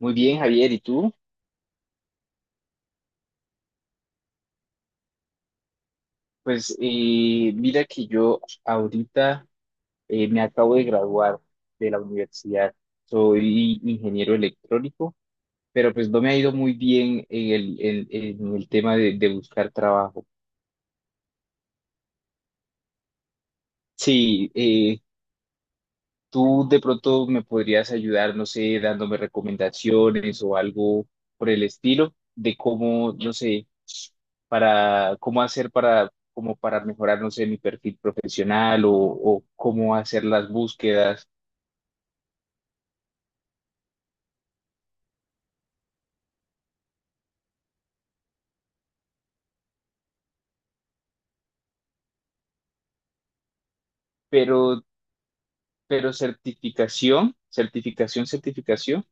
Muy bien, Javier, ¿y tú? Pues mira que yo ahorita me acabo de graduar de la universidad. Soy ingeniero electrónico, pero pues no me ha ido muy bien en el tema de buscar trabajo. Sí, tú de pronto me podrías ayudar, no sé, dándome recomendaciones o algo por el estilo de cómo, no sé, para cómo hacer para como para mejorar, no sé, mi perfil profesional o cómo hacer las búsquedas, pero pero certificación, certificación, certificación.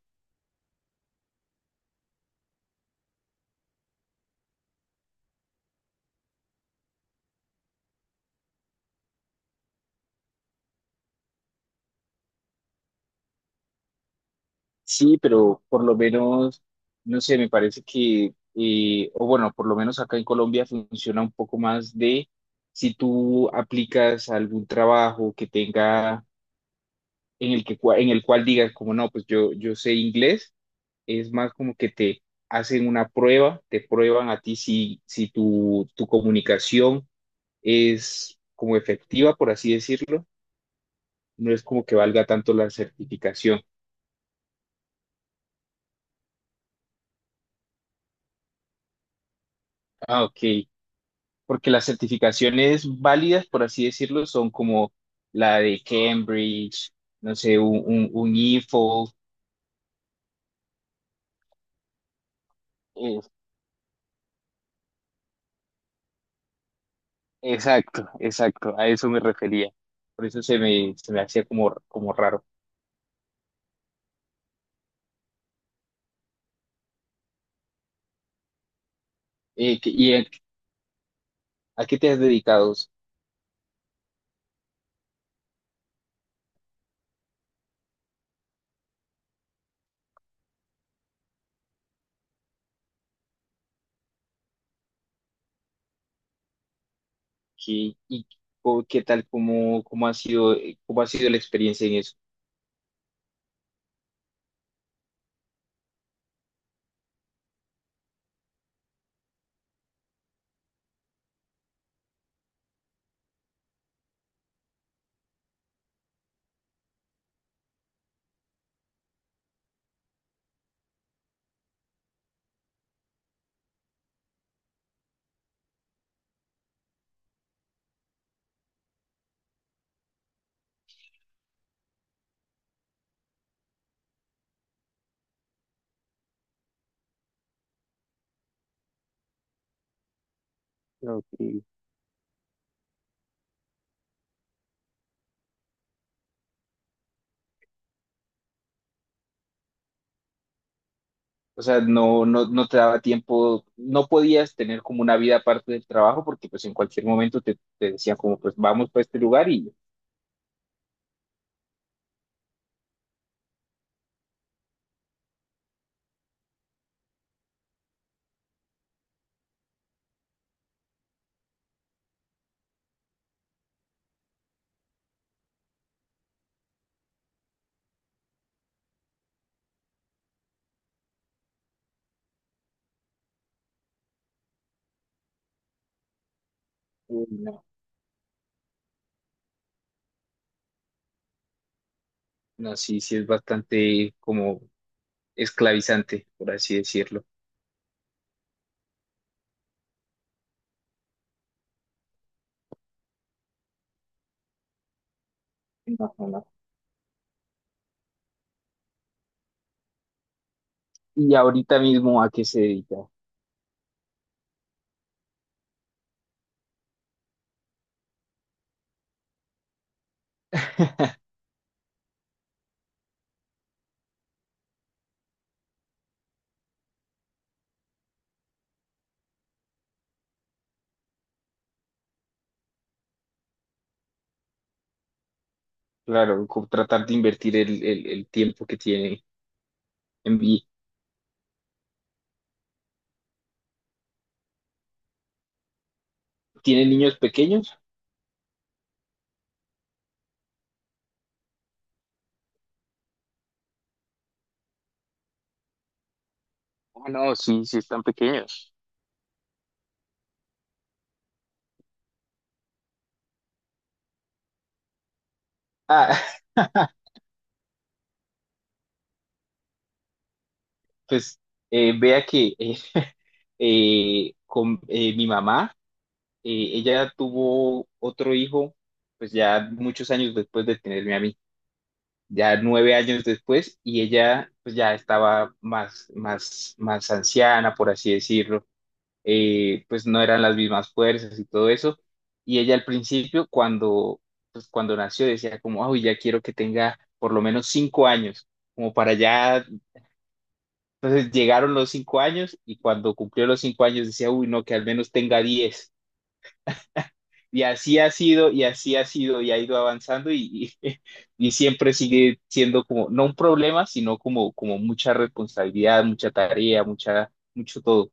Sí, pero por lo menos, no sé, me parece que, o bueno, por lo menos acá en Colombia funciona un poco más de si tú aplicas a algún trabajo que tenga, en el que, en el cual digas como no, pues yo sé inglés, es más como que te hacen una prueba, te prueban a ti si tu comunicación es como efectiva, por así decirlo, no es como que valga tanto la certificación. Ah, ok. Porque las certificaciones válidas, por así decirlo, son como la de Cambridge, no sé, un IFO. eh, exacto, exacto, a eso me refería. Por eso se me hacía como, como raro. ¿Y a qué te has dedicado? ¿Qué, y qué tal, cómo ha sido, cómo ha sido la experiencia en eso? Ok. O sea, no, no, no te daba tiempo, no podías tener como una vida aparte del trabajo porque pues en cualquier momento te decían como pues vamos para este lugar uy, no, no, sí, sí es bastante como esclavizante, por así decirlo. No, no, no. Y ahorita mismo, ¿a qué se dedica? Claro, con tratar de invertir el tiempo que tiene en vi- ¿Tiene niños pequeños? Ah, no, sí, sí están pequeños. Ah, pues vea que con mi mamá, ella tuvo otro hijo, pues ya muchos años después de tenerme a mí. Ya 9 años después, y ella pues ya estaba más, más, más anciana, por así decirlo, pues no eran las mismas fuerzas y todo eso, y ella al principio cuando, pues cuando nació decía como, uy, ya quiero que tenga por lo menos 5 años, como para ya, entonces llegaron los 5 años, y cuando cumplió los 5 años decía, uy, no, que al menos tenga 10. Y así ha sido, y así ha sido, y ha ido avanzando y siempre sigue siendo como, no un problema, sino como, como mucha responsabilidad, mucha tarea, mucha, mucho todo.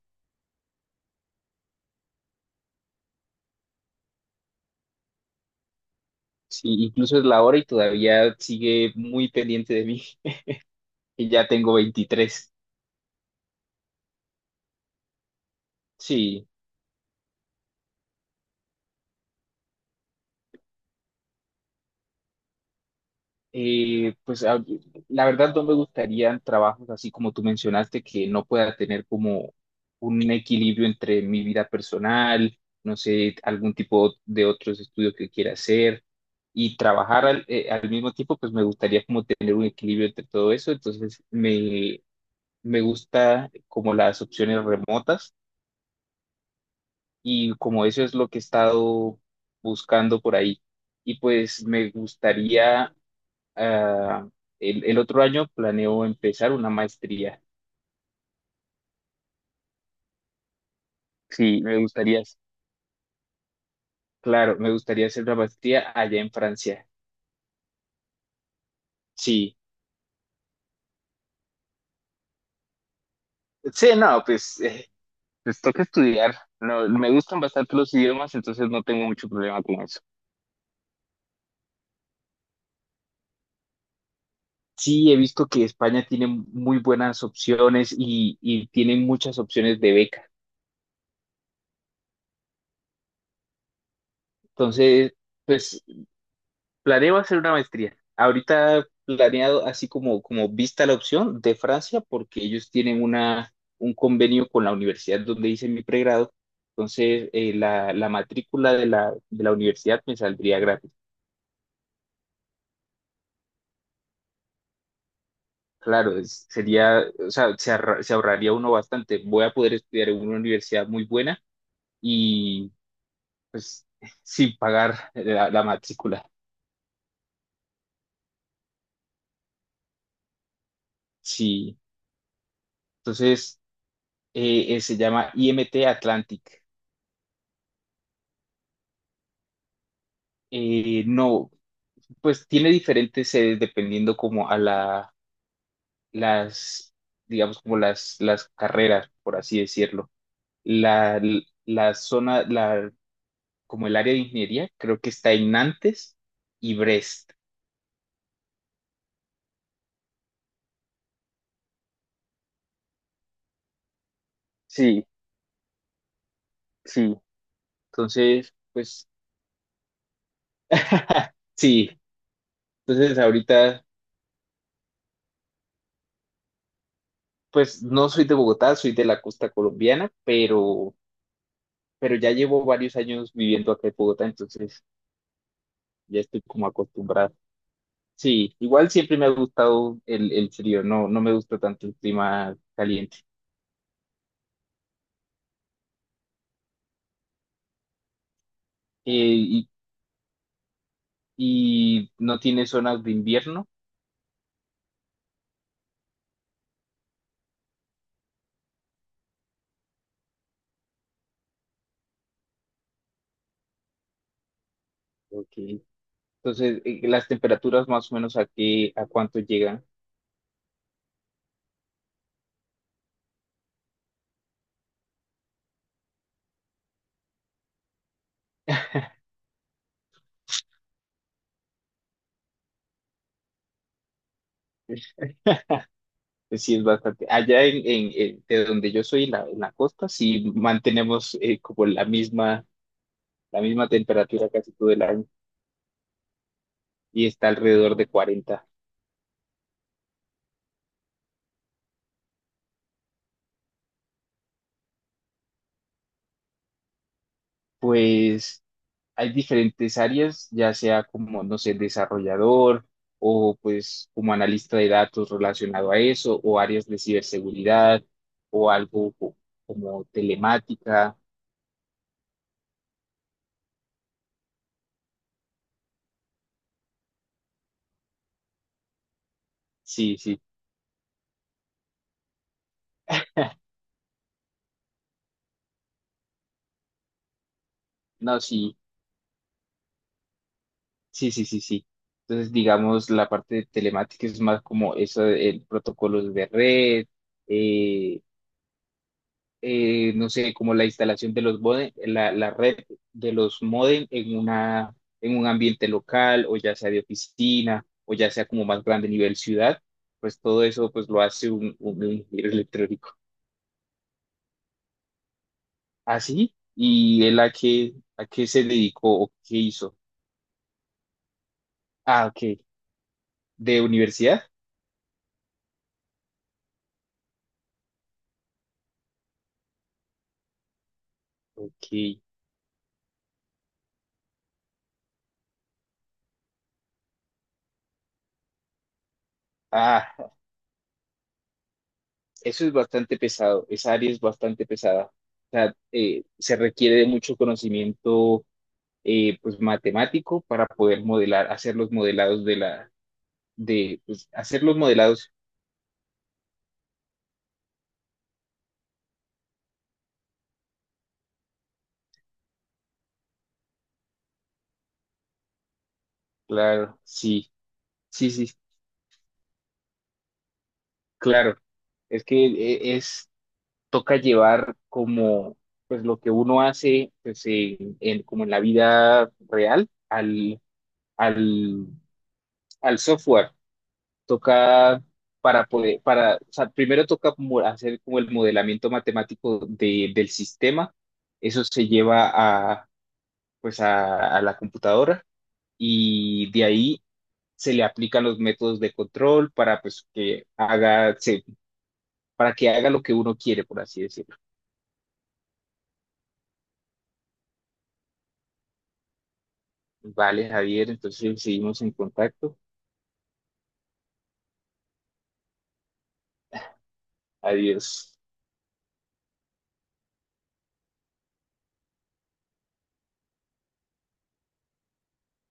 Sí, incluso es la hora y todavía sigue muy pendiente de mí, y ya tengo 23. Sí. Pues la verdad no me gustarían trabajos así como tú mencionaste, que no pueda tener como un equilibrio entre mi vida personal, no sé, algún tipo de otros estudios que quiera hacer y trabajar al mismo tiempo, pues me gustaría como tener un equilibrio entre todo eso. Entonces me gusta como las opciones remotas y como eso es lo que he estado buscando por ahí. Y pues me gustaría ah, el otro año planeo empezar una maestría. Sí, me gustaría, claro, me gustaría hacer una maestría allá en Francia. Sí, sí, no, pues toca estudiar. No, me gustan bastante los idiomas, entonces no tengo mucho problema con eso. Sí, he visto que España tiene muy buenas opciones y tiene muchas opciones de beca. Entonces, pues planeo hacer una maestría. Ahorita planeado así como, vista la opción de Francia, porque ellos tienen un convenio con la universidad donde hice mi pregrado. Entonces, la matrícula de la universidad me saldría gratis. Claro, sería, o sea, se ahorraría uno bastante. Voy a poder estudiar en una universidad muy buena y pues sin pagar la matrícula. Sí, entonces se llama IMT Atlantic. No, pues tiene diferentes sedes dependiendo como a la, las, digamos, como las carreras, por así decirlo. La, la zona, como el área de ingeniería, creo que está en Nantes y Brest. Sí, sí. Entonces, pues, sí, entonces ahorita, pues no soy de Bogotá, soy de la costa colombiana, pero ya llevo varios años viviendo acá en Bogotá, entonces ya estoy como acostumbrado. Sí, igual siempre me ha gustado el frío, no, no me gusta tanto el clima caliente. Eh, y, y no tiene zonas de invierno. Ok. Entonces, las temperaturas más o menos a qué, a cuánto llegan, pues sí es bastante. Allá de donde yo soy, en la costa, sí mantenemos como la misma temperatura casi todo el año y está alrededor de 40. Pues hay diferentes áreas, ya sea como, no sé, desarrollador o pues como analista de datos relacionado a eso, o áreas de ciberseguridad o algo como telemática. Sí, sí, no, sí, sí, sí, sí, sí. Entonces, digamos, la parte de telemática es más como eso, el protocolos de red, eh, no sé, como la instalación de los modem, la red de los modem en un ambiente local o ya sea de oficina o ya sea como más grande nivel ciudad, pues todo eso pues lo hace un ingeniero electrónico. Así, ¿y él a qué, se dedicó o qué hizo? Ah, ok, de universidad. Ok, ah, eso es bastante pesado, esa área es bastante pesada. O sea, se requiere de mucho conocimiento pues matemático para poder modelar, hacer los modelados de pues hacer los modelados, claro, sí, sí, sí, claro. Es que es, toca llevar como, pues lo que uno hace, pues como en la vida real, al, al software. Toca para poder, para, o sea, primero toca hacer como el modelamiento matemático del sistema. Eso se lleva a, a la computadora y de ahí se le aplican los métodos de control para pues que haga, para que haga lo que uno quiere, por así decirlo. Vale, Javier, entonces seguimos en contacto. Adiós.